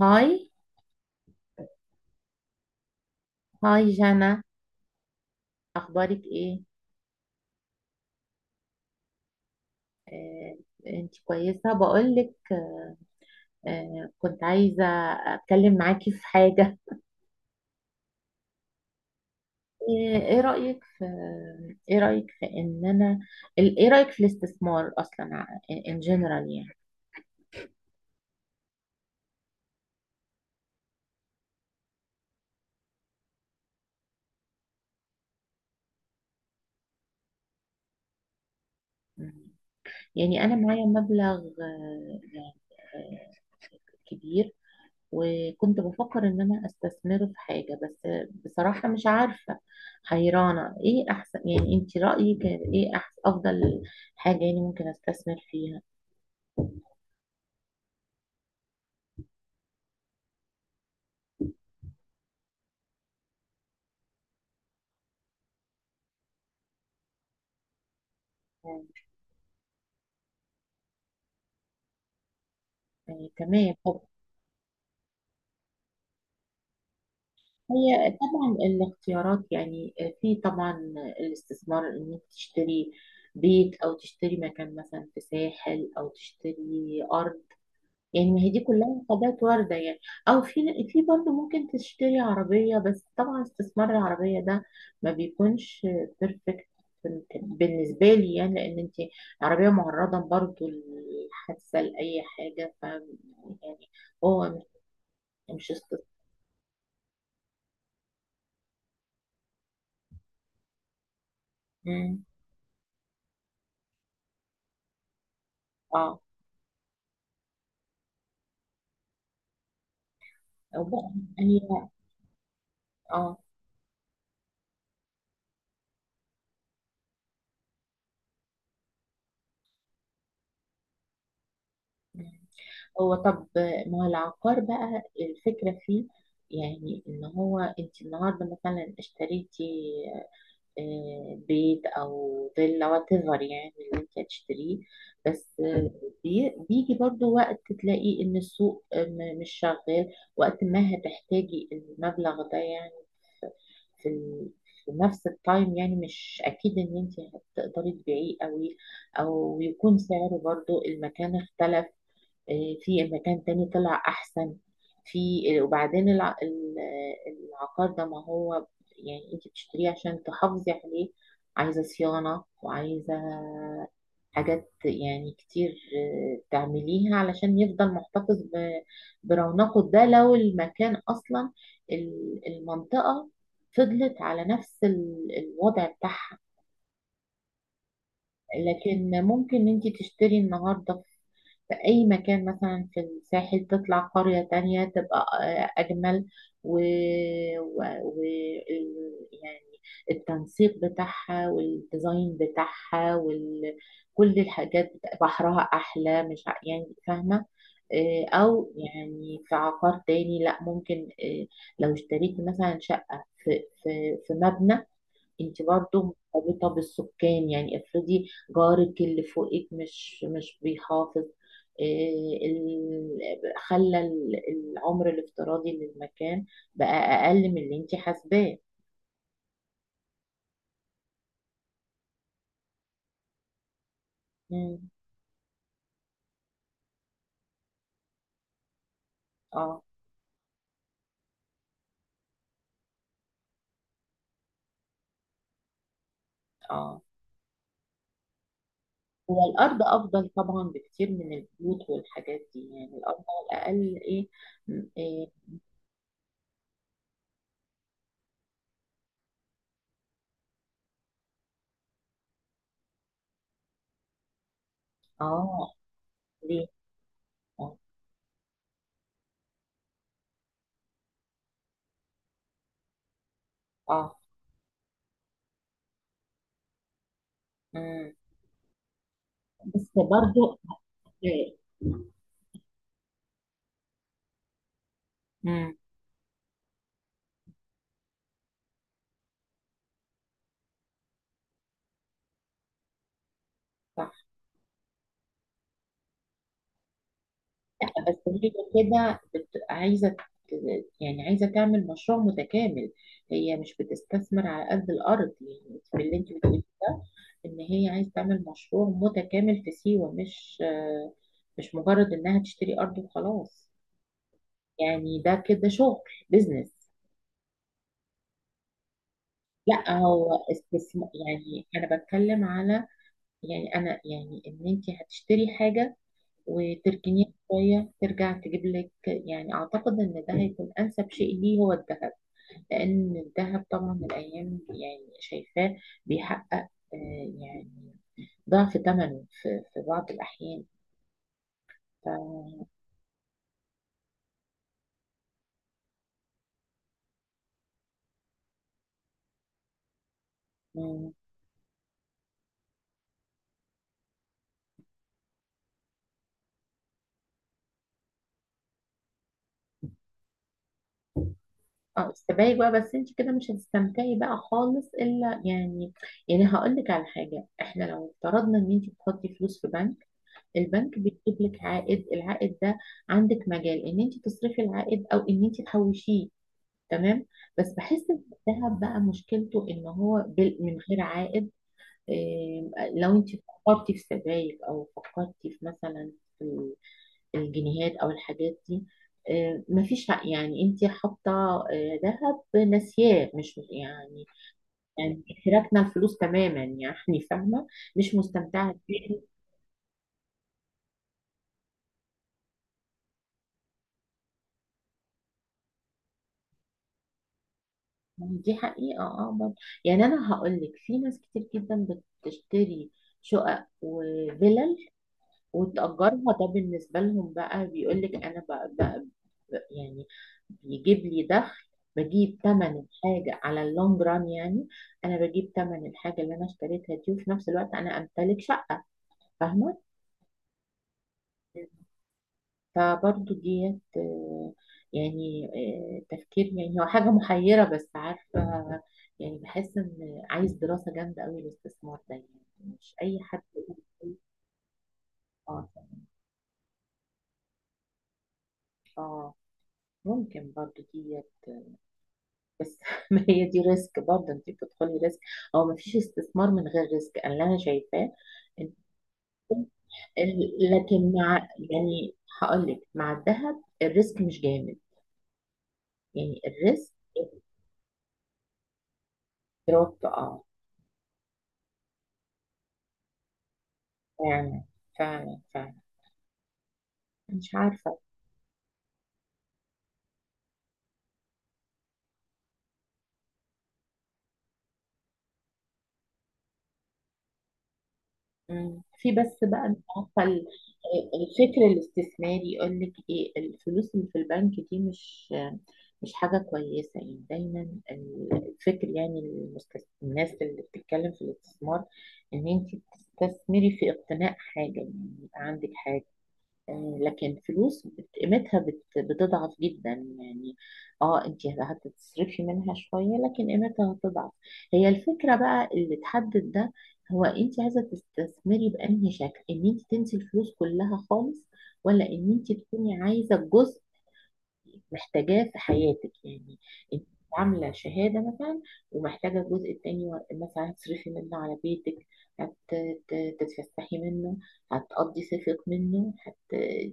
هاي. هاي جانا. اخبارك ايه؟ آه، انت كويسه. بقولك كنت عايزه اتكلم معاكي في حاجه. آه، ايه رايك في ايه رايك في ان انا ايه رايك في الاستثمار اصلا ان جنرال يعني. مم. يعني انا معايا مبلغ يعني آه، كبير، وكنت بفكر ان انا استثمره في حاجة. بس بصراحة مش عارفة، حيرانة ايه احسن. يعني انت رأيك ايه احسن، افضل حاجة يعني ممكن استثمر فيها؟ يعني تمام. هي طبعا الاختيارات يعني في طبعا الاستثمار ان انت تشتري بيت، او تشتري مكان مثلا في ساحل، او تشتري ارض. يعني ما هي دي كلها حاجات وارده يعني. او في برضه ممكن تشتري عربيه، بس طبعا استثمار العربيه ده ما بيكونش بيرفكت بالنسبه لي. يعني لان انت عربيه معرضه برضه للحادثه، لاي حاجه، ف يعني هو مش استثمار. مم. اه. أو بقى- هي اه. هو طب ما هو العقار بقى الفكرة فيه، يعني ان هو انت النهارده مثلا اشتريتي بيت او فيلا وات ايفر يعني اللي انت هتشتريه. بس بيجي برضو وقت تلاقي ان السوق مش شغال وقت ما هتحتاجي المبلغ ده يعني. في ال- في نفس التايم يعني مش اكيد ان انت هتقدري تبيعيه قوي، او يكون سعره برضو، المكان اختلف، في مكان تاني طلع احسن. في وبعدين العقار ده ما هو يعني انت بتشتريه عشان تحافظي عليه، عايزة صيانة وعايزة حاجات يعني كتير تعمليها علشان يفضل محتفظ برونقه. ده لو المكان أصلا المنطقة فضلت على نفس الوضع بتاعها. لكن ممكن انت تشتري النهارده في أي مكان مثلا في الساحل، تطلع قرية تانية تبقى أجمل، و... و... و... يعني التنسيق بتاعها والديزاين بتاعها كل الحاجات بحرها أحلى. مش ع- يعني فاهمة؟ أو يعني في عقار تاني، لأ ممكن لو اشتريت مثلا شقة في مبنى، انت برضو مرتبطة بالسكان. يعني افرضي جارك اللي فوقك مش بيحافظ، إيه خلى العمر الافتراضي للمكان بقى اقل من اللي انت حاسباه. مم. اه. اه. هو الارض افضل طبعا بكتير من البيوت والحاجات دي. يعني الارض على الاقل ايه، ايه. اه. ليه؟ اه. اه. مم. بس برضو إيه. مم. صح. لا، بس هي كده عايزه يعني عايزه تعمل مشروع متكامل. هي مش بتستثمر على قد الارض يعني، في اللي انت بتقوليه ده، ان هي عايزه تعمل مشروع متكامل في سيوه، مش مش مجرد انها تشتري ارض وخلاص. يعني ده كده شغل، بزنس. لا هو استثمار. يعني انا بتكلم على، يعني انا يعني ان انت هتشتري حاجه وتركنيه شوية ترجع تجيب لك. يعني أعتقد إن ده هيكون أنسب شيء ليه هو الذهب. لأن الذهب طبعا الأيام دي يعني شايفاه بيحقق يعني ضعف ثمنه في في بعض الأحيان. ف مم. اه، استبعدي بقى. بس انت كده مش هتستمتعي بقى خالص الا يعني، يعني هقول لك على حاجه. احنا لو افترضنا ان انت بتحطي فلوس في بنك، البنك بيجيب لك عائد. العائد ده عندك مجال ان انت تصرفي العائد او ان انت تحوشيه. تمام. بس بحس ان الذهب بقى مشكلته ان هو من غير عائد. إيه، لو انت فكرتي في سبائك او فكرتي في مثلا في الجنيهات او الحاجات دي، إيه، مفيش يعني انت حاطه إيه، ذهب ناسياه مش يعني، يعني راكنه الفلوس تماما يعني فاهمه، مش مستمتعه بيه. دي حقيقه اه برضه. يعني انا هقول لك في ناس كتير جدا بتشتري شقق وفلل وتأجرها. ده بالنسبة لهم بقى بيقول لك أنا يعني بيجيب لي دخل، بجيب تمن الحاجة على اللونج ران يعني. أنا بجيب تمن الحاجة اللي أنا اشتريتها دي، وفي نفس الوقت أنا أمتلك شقة. فاهمة؟ فبرضو ديت يعني تفكير. يعني هو حاجة محيرة بس عارفة، يعني بحس إن عايز دراسة جامدة أوي الاستثمار ده يعني، مش أي حد اه. اه. ممكن برضو ديت بس ما هي دي ريسك برضه، انت بتدخلي ريسك. هو ما فيش استثمار من غير ريسك انا اللي انا شايفاه. إن- لكن مع، يعني هقول لك مع الذهب الريسك مش جامد. يعني الريسك دروبت اه. فعلا، فعلا فعلا. مش عارفه. مم. في بس بقى انت عارفه الفكر الاستثماري يقول لك ايه، الفلوس اللي في البنك دي مش حاجه كويسه يعني دايما. الفكر يعني الناس اللي بتتكلم في الاستثمار ان انت تستثمري في اقتناء حاجه، يعني يبقى عندك حاجه. لكن فلوس قيمتها بتضعف جدا يعني. اه انت هتصرفي منها شوية لكن قيمتها هتضعف. هي الفكرة بقى اللي تحدد ده هو انت عايزة تستثمري بأنهي شكل، ان انت تنسي الفلوس كلها خالص، ولا ان انت تكوني عايزة جزء محتاجاه في حياتك. يعني انت عامله شهاده مثلا ومحتاجه الجزء التاني مثلا هتصرفي منه على بيتك، هتتفسحي منه، هتقضي صيفك منه، هت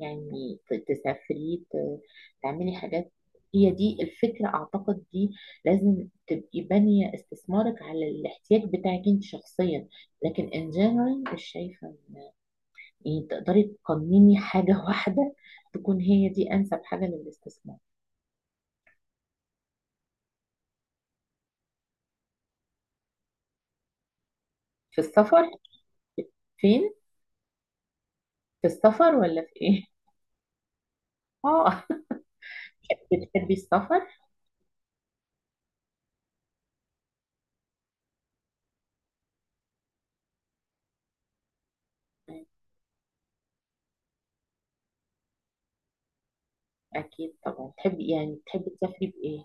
يعني تسافري، تعملي حاجات. هي دي الفكره اعتقد دي. لازم تبقي بانيه استثمارك على الاحتياج بتاعك انت شخصيا. لكن ان جنرال مش شايفه يعني تقدري تقنيني حاجه واحده تكون هي دي انسب حاجه للاستثمار. في السفر؟ فين؟ في السفر ولا في ايه؟ اه. بتحبي السفر؟ اكيد طبعا. تحبي يعني تسافري بايه؟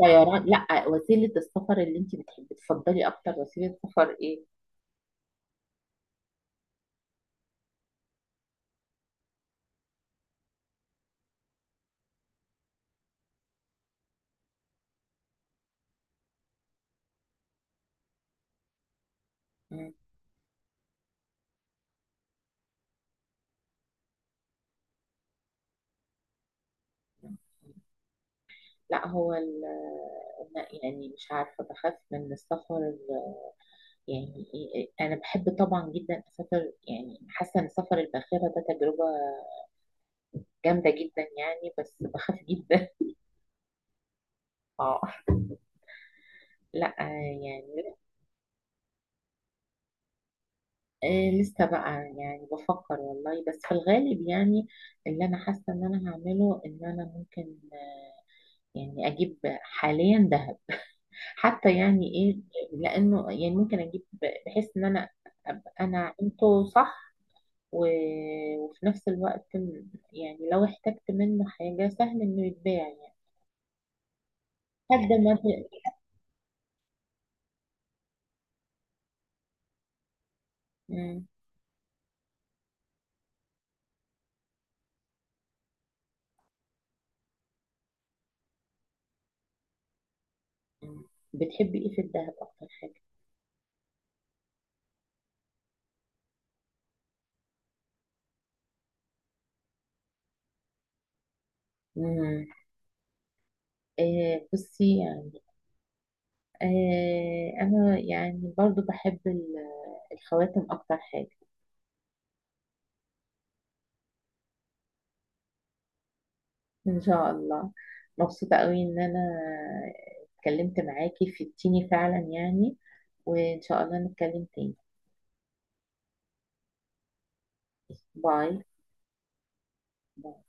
طيران؟ لا، وسيله السفر اللي انت بتحبي تفضلي اكتر، وسيله سفر ايه؟ مم. لا هو لا يعني مش عارفة، بخاف من السفر. يعني إيه، أنا بحب طبعا جدا أسافر. يعني حاسة إن سفر الباخرة ده تجربة جامدة جدا يعني، بس بخاف جدا. اه. لا. يعني آه لسه بقى يعني بفكر والله. بس في الغالب يعني اللي انا حاسه ان انا هعمله، ان انا ممكن يعني اجيب حاليا ذهب، حتى يعني ايه، لانه يعني ممكن اجيب بحيث ان انا ابقى انا عملته صح، و- وفي نفس الوقت يعني لو احتجت منه حاجه سهل انه يتباع يعني لحد ما مم. بتحبي ايه في الذهب اكتر حاجه؟ مم. آه بصي يعني، أنا يعني برضو بحب الخواتم أكتر حاجة. إن شاء الله. مبسوطة قوي إن أنا اتكلمت معاكي في التيني فعلا يعني، وإن شاء الله نتكلم تاني. باي. باي.